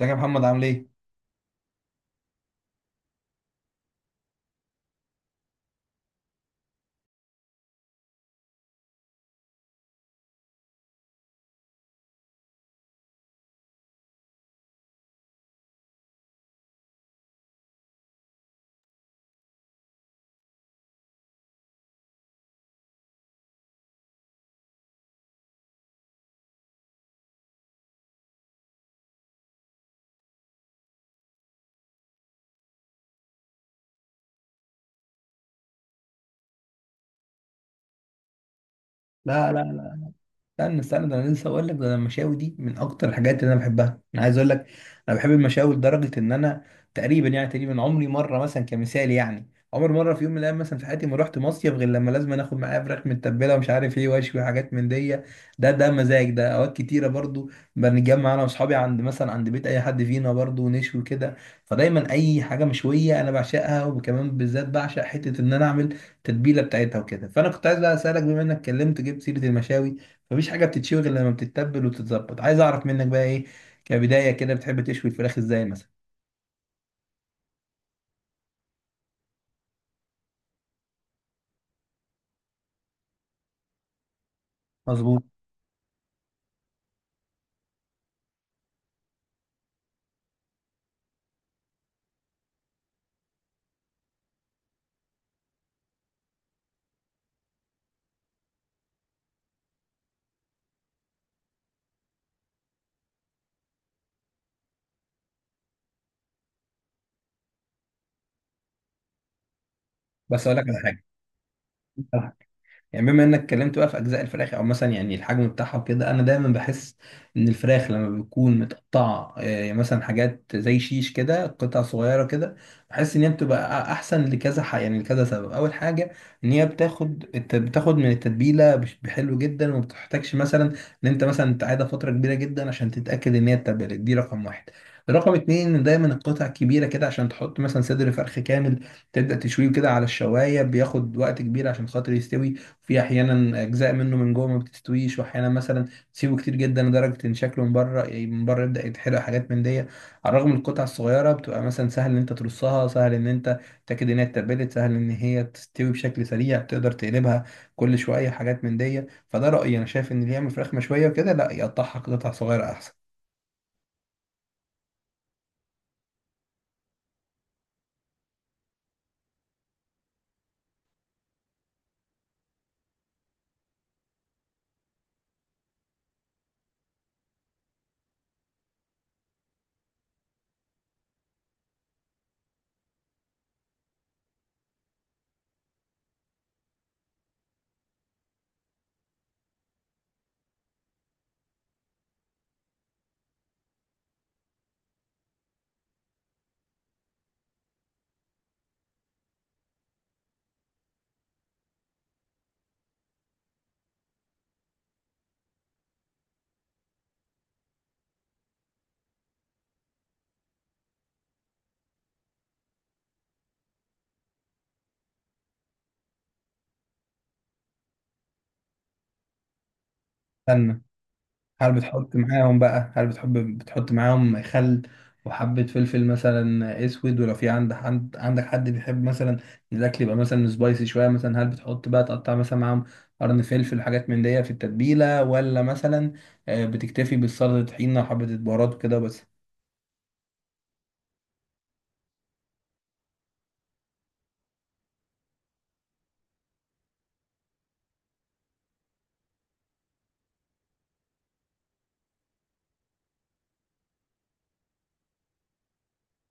ازيك يا محمد عامل ايه؟ لا لا لا، استنى ده انا لسه اقول لك. ده أنا المشاوي دي من اكتر الحاجات اللي انا بحبها. انا عايز اقول لك انا بحب المشاوي لدرجه ان انا تقريبا تقريبا عمري مره مثلا كمثال يعني عمر مره في يوم من الايام مثلا في حياتي ما رحت مصيف غير لما لازم اخد معايا فراخ متبله ومش عارف ايه واشوي حاجات من دي. ده مزاج. ده اوقات كتيره برضو بنتجمع انا واصحابي عند مثلا عند بيت اي حد فينا برضو ونشوي كده. فدايما اي حاجه مشويه انا بعشقها، وكمان بالذات بعشق حته ان انا اعمل تتبيله بتاعتها وكده. فانا كنت عايز بقى اسالك، بما انك اتكلمت جبت سيره المشاوي، مفيش حاجه بتتشوي غير لما بتتبل وتتظبط. عايز اعرف منك بقى ايه، كبدايه كده، بتحب تشوي الفراخ ازاي مثلا؟ مظبوط. بس اقول لك على حاجه، بما انك اتكلمت بقى في اجزاء الفراخ او مثلا يعني الحجم بتاعها وكده، انا دايما بحس ان الفراخ لما بتكون متقطعه يعني مثلا حاجات زي شيش كده قطع صغيره كده، بحس ان هي بتبقى احسن لكذا يعني لكذا سبب. اول حاجه ان هي بتاخد بتاخد من التتبيله بحلو جدا، وما بتحتاجش مثلا ان انت مثلا تقعدها فتره كبيره جدا عشان تتاكد ان هي اتبلت. دي رقم واحد. رقم اتنين ان دايما القطع كبيره كده، عشان تحط مثلا صدر فرخ كامل تبدا تشويه كده على الشوايه، بياخد وقت كبير عشان خاطر يستوي. في احيانا اجزاء منه من جوه ما بتستويش، واحيانا مثلا تسيبه كتير جدا لدرجه ان شكله من بره يعني من بره يبدا يتحرق حاجات من دي. على الرغم من القطع الصغيره بتبقى مثلا سهل ان انت ترصها، سهل ان انت تتاكد ان هي اتبلت، سهل ان هي تستوي بشكل سريع، تقدر تقلبها كل شويه حاجات من دي. فده رايي، انا شايف ان اللي يعمل فراخ مشويه وكده لا يقطعها قطع صغيره احسن. هل بتحط معاهم بقى، هل بتحط معاهم خل وحبة فلفل مثلا اسود، ولو في عندك عندك حد بيحب مثلا إن الاكل يبقى مثلا سبايسي شوية، مثلا هل بتحط بقى تقطع مثلا معاهم قرن فلفل حاجات من دي في التتبيلة، ولا مثلا بتكتفي بالسلطة طحينة وحبة البهارات وكده بس؟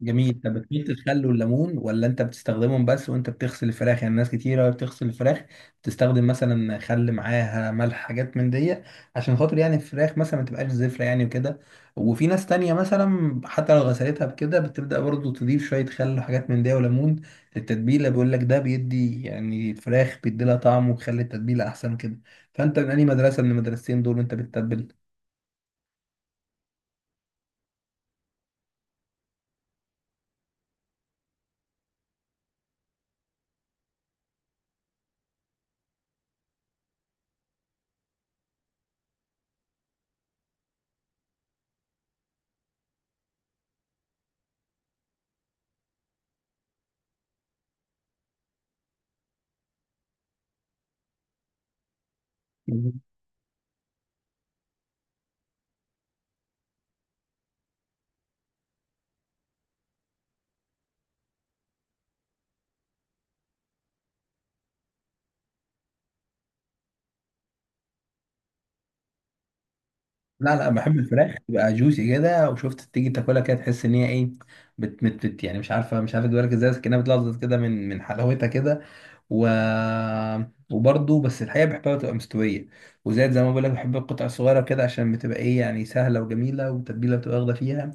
جميل. طب بتميل الخل والليمون، ولا انت بتستخدمهم بس وانت بتغسل الفراخ؟ يعني ناس كتيرة وهي بتغسل الفراخ بتستخدم مثلا خل معاها ملح حاجات من دي عشان خاطر يعني الفراخ مثلا ما تبقاش زفرة يعني وكده. وفي ناس تانية مثلا حتى لو غسلتها بكده، بتبدأ برضو تضيف شوية خل وحاجات من دي وليمون للتتبيلة. بيقول لك ده بيدي يعني الفراخ، بيدي لها طعم وبيخلي التتبيلة أحسن كده. فأنت من أي مدرسة من المدرستين دول وأنت بتتبل؟ لا لا، بحب الفراخ تبقى جوسي كده، وشفت تيجي تاكلها كده تحس ان هي ايه، بت يعني مش عارفه تدوها لك ازاي، بس كانها بتلظظ كده من حلاوتها كده و... وبرضه بس الحقيقة بحبها تبقى مستوية، وزائد زي ما بقول لك بحب القطع الصغيرة كده عشان بتبقى ايه يعني سهلة وجميلة والتتبيلة بتبقى واخدة فيها.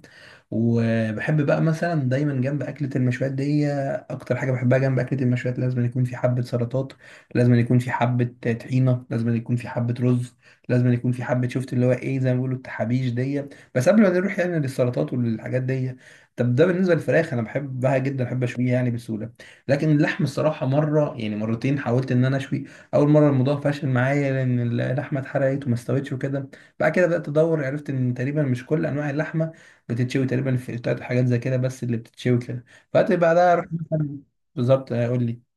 وبحب بقى مثلا دايما جنب أكلة المشويات دي، أكتر حاجة بحبها جنب أكلة المشويات، لازم يكون في حبة سلطات، لازم يكون في حبة طحينة، لازم يكون في حبة رز، لازم يكون في حبة شفت اللي هو ايه زي ما بيقولوا التحابيش دي. بس قبل ما نروح يعني للسلطات وللحاجات دي، طب ده بالنسبة للفراخ أنا بحبها جدا بحب أشويها يعني بسهولة. لكن اللحم، الصراحة مرة يعني مرتين حاولت إن أنا أشوي. أول مرة الموضوع فشل معايا لأن اللحمة اتحرقت وما استوتش وكده. بعد كده بدأت أدور، عرفت إن تقريبا مش كل أنواع اللحمة بتتشوي، تقريبا فلتات وحاجات زي كده بس اللي بتتشوي كده. فقلت بعدها أروح مثلا. بالظبط، أقول لي.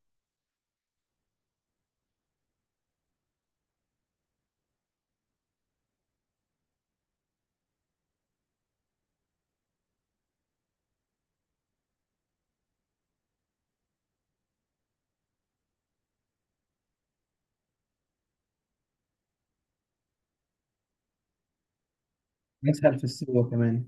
أسهل في السوا كمان.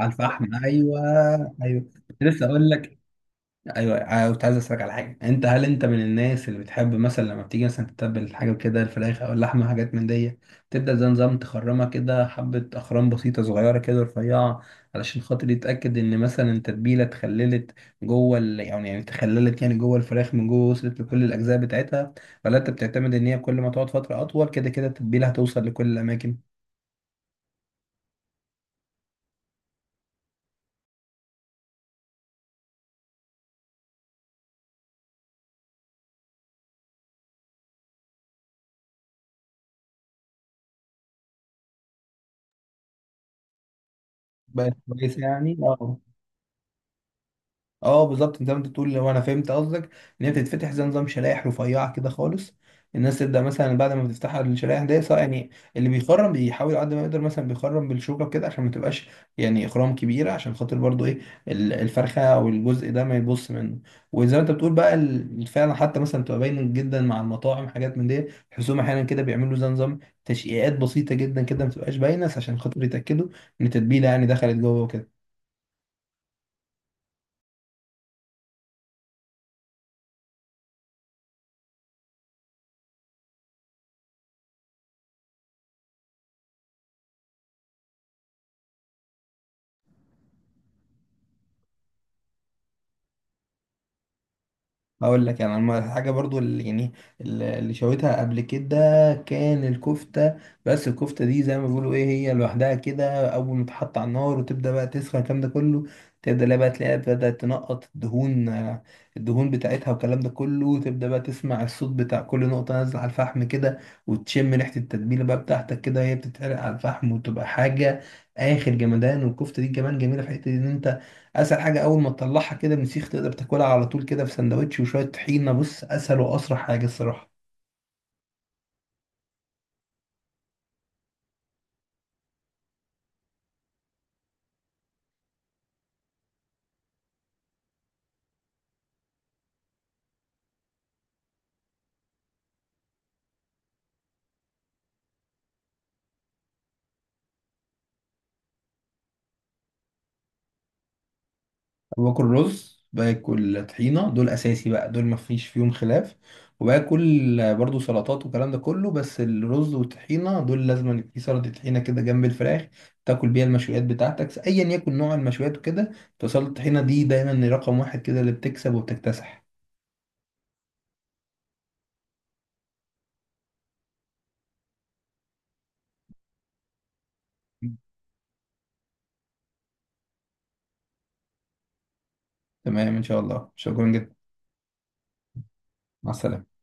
على الفحم، أيوه. أيوه، كنت لسه أقول لك. ايوه أنا كنت عايز اسالك على حاجه. انت هل انت من الناس اللي بتحب مثلا لما بتيجي مثلا تتبل حاجه كده الفراخ او اللحمه حاجات من دي، تبدا زي نظام تخرمها كده حبه اخرام بسيطه صغيره كده رفيعه علشان خاطر يتاكد ان مثلا التتبيله اتخللت جوه يعني اتخللت يعني جوه الفراخ من جوه، وصلت لكل الاجزاء بتاعتها؟ ولا انت بتعتمد ان هي كل ما تقعد فتره اطول كده كده التتبيله هتوصل لكل الاماكن؟ بقت كويسه يعني اه. اه بالظبط زي ما انت بتقول، لو انا فهمت قصدك ان هي بتتفتح زي نظام شرائح رفيعه كده خالص، الناس تبدا مثلا بعد ما بتفتحها الشرائح دي صح يعني. اللي بيخرم بيحاول على قد ما يقدر مثلا بيخرم بالشوكه كده عشان ما تبقاش يعني اخرام كبيره، عشان خاطر برضو ايه الفرخه او الجزء ده ما يبص منه. وزي ما انت بتقول بقى فعلا، حتى مثلا بتبقى باين جدا مع المطاعم حاجات من دي، حسهم احيانا كده بيعملوا زي نظام تشقيقات بسيطه جدا كده ما تبقاش باينه عشان خاطر يتاكدوا ان التتبيله يعني دخلت جوه وكده. اقول لك يعني أنا حاجه، برضو اللي يعني اللي شويتها قبل كده كان الكفته. بس الكفته دي زي ما بيقولوا ايه، هي لوحدها كده اول ما تحط على النار وتبدا بقى تسخن الكلام ده كله، تبدا لا بقى تلاقيها بدات تنقط الدهون الدهون بتاعتها والكلام ده كله، وتبدا بقى تسمع الصوت بتاع كل نقطه نازله على الفحم كده، وتشم ريحه التتبيله بقى بتاعتك كده وهي بتتعرق على الفحم، وتبقى حاجه اخر جمدان. والكفته دي كمان جميله في حته ان انت اسهل حاجه اول ما تطلعها كده من سيخ تقدر تاكلها على طول كده في سندوتش وشويه طحينه. بص اسهل واسرع حاجه الصراحه. باكل رز، باكل طحينه، دول اساسي بقى، دول ما فيش فيهم خلاف. وباكل برضو سلطات والكلام ده كله، بس الرز والطحينه دول لازم يبقى في سلطه طحينه كده جنب الفراخ، تاكل بيها المشويات بتاعتك ايا يكن نوع المشويات وكده. فسلطه الطحينه دي دايما رقم واحد كده، اللي بتكسب وبتكتسح. تمام ان شاء الله، شكرا جدا. مع السلامه.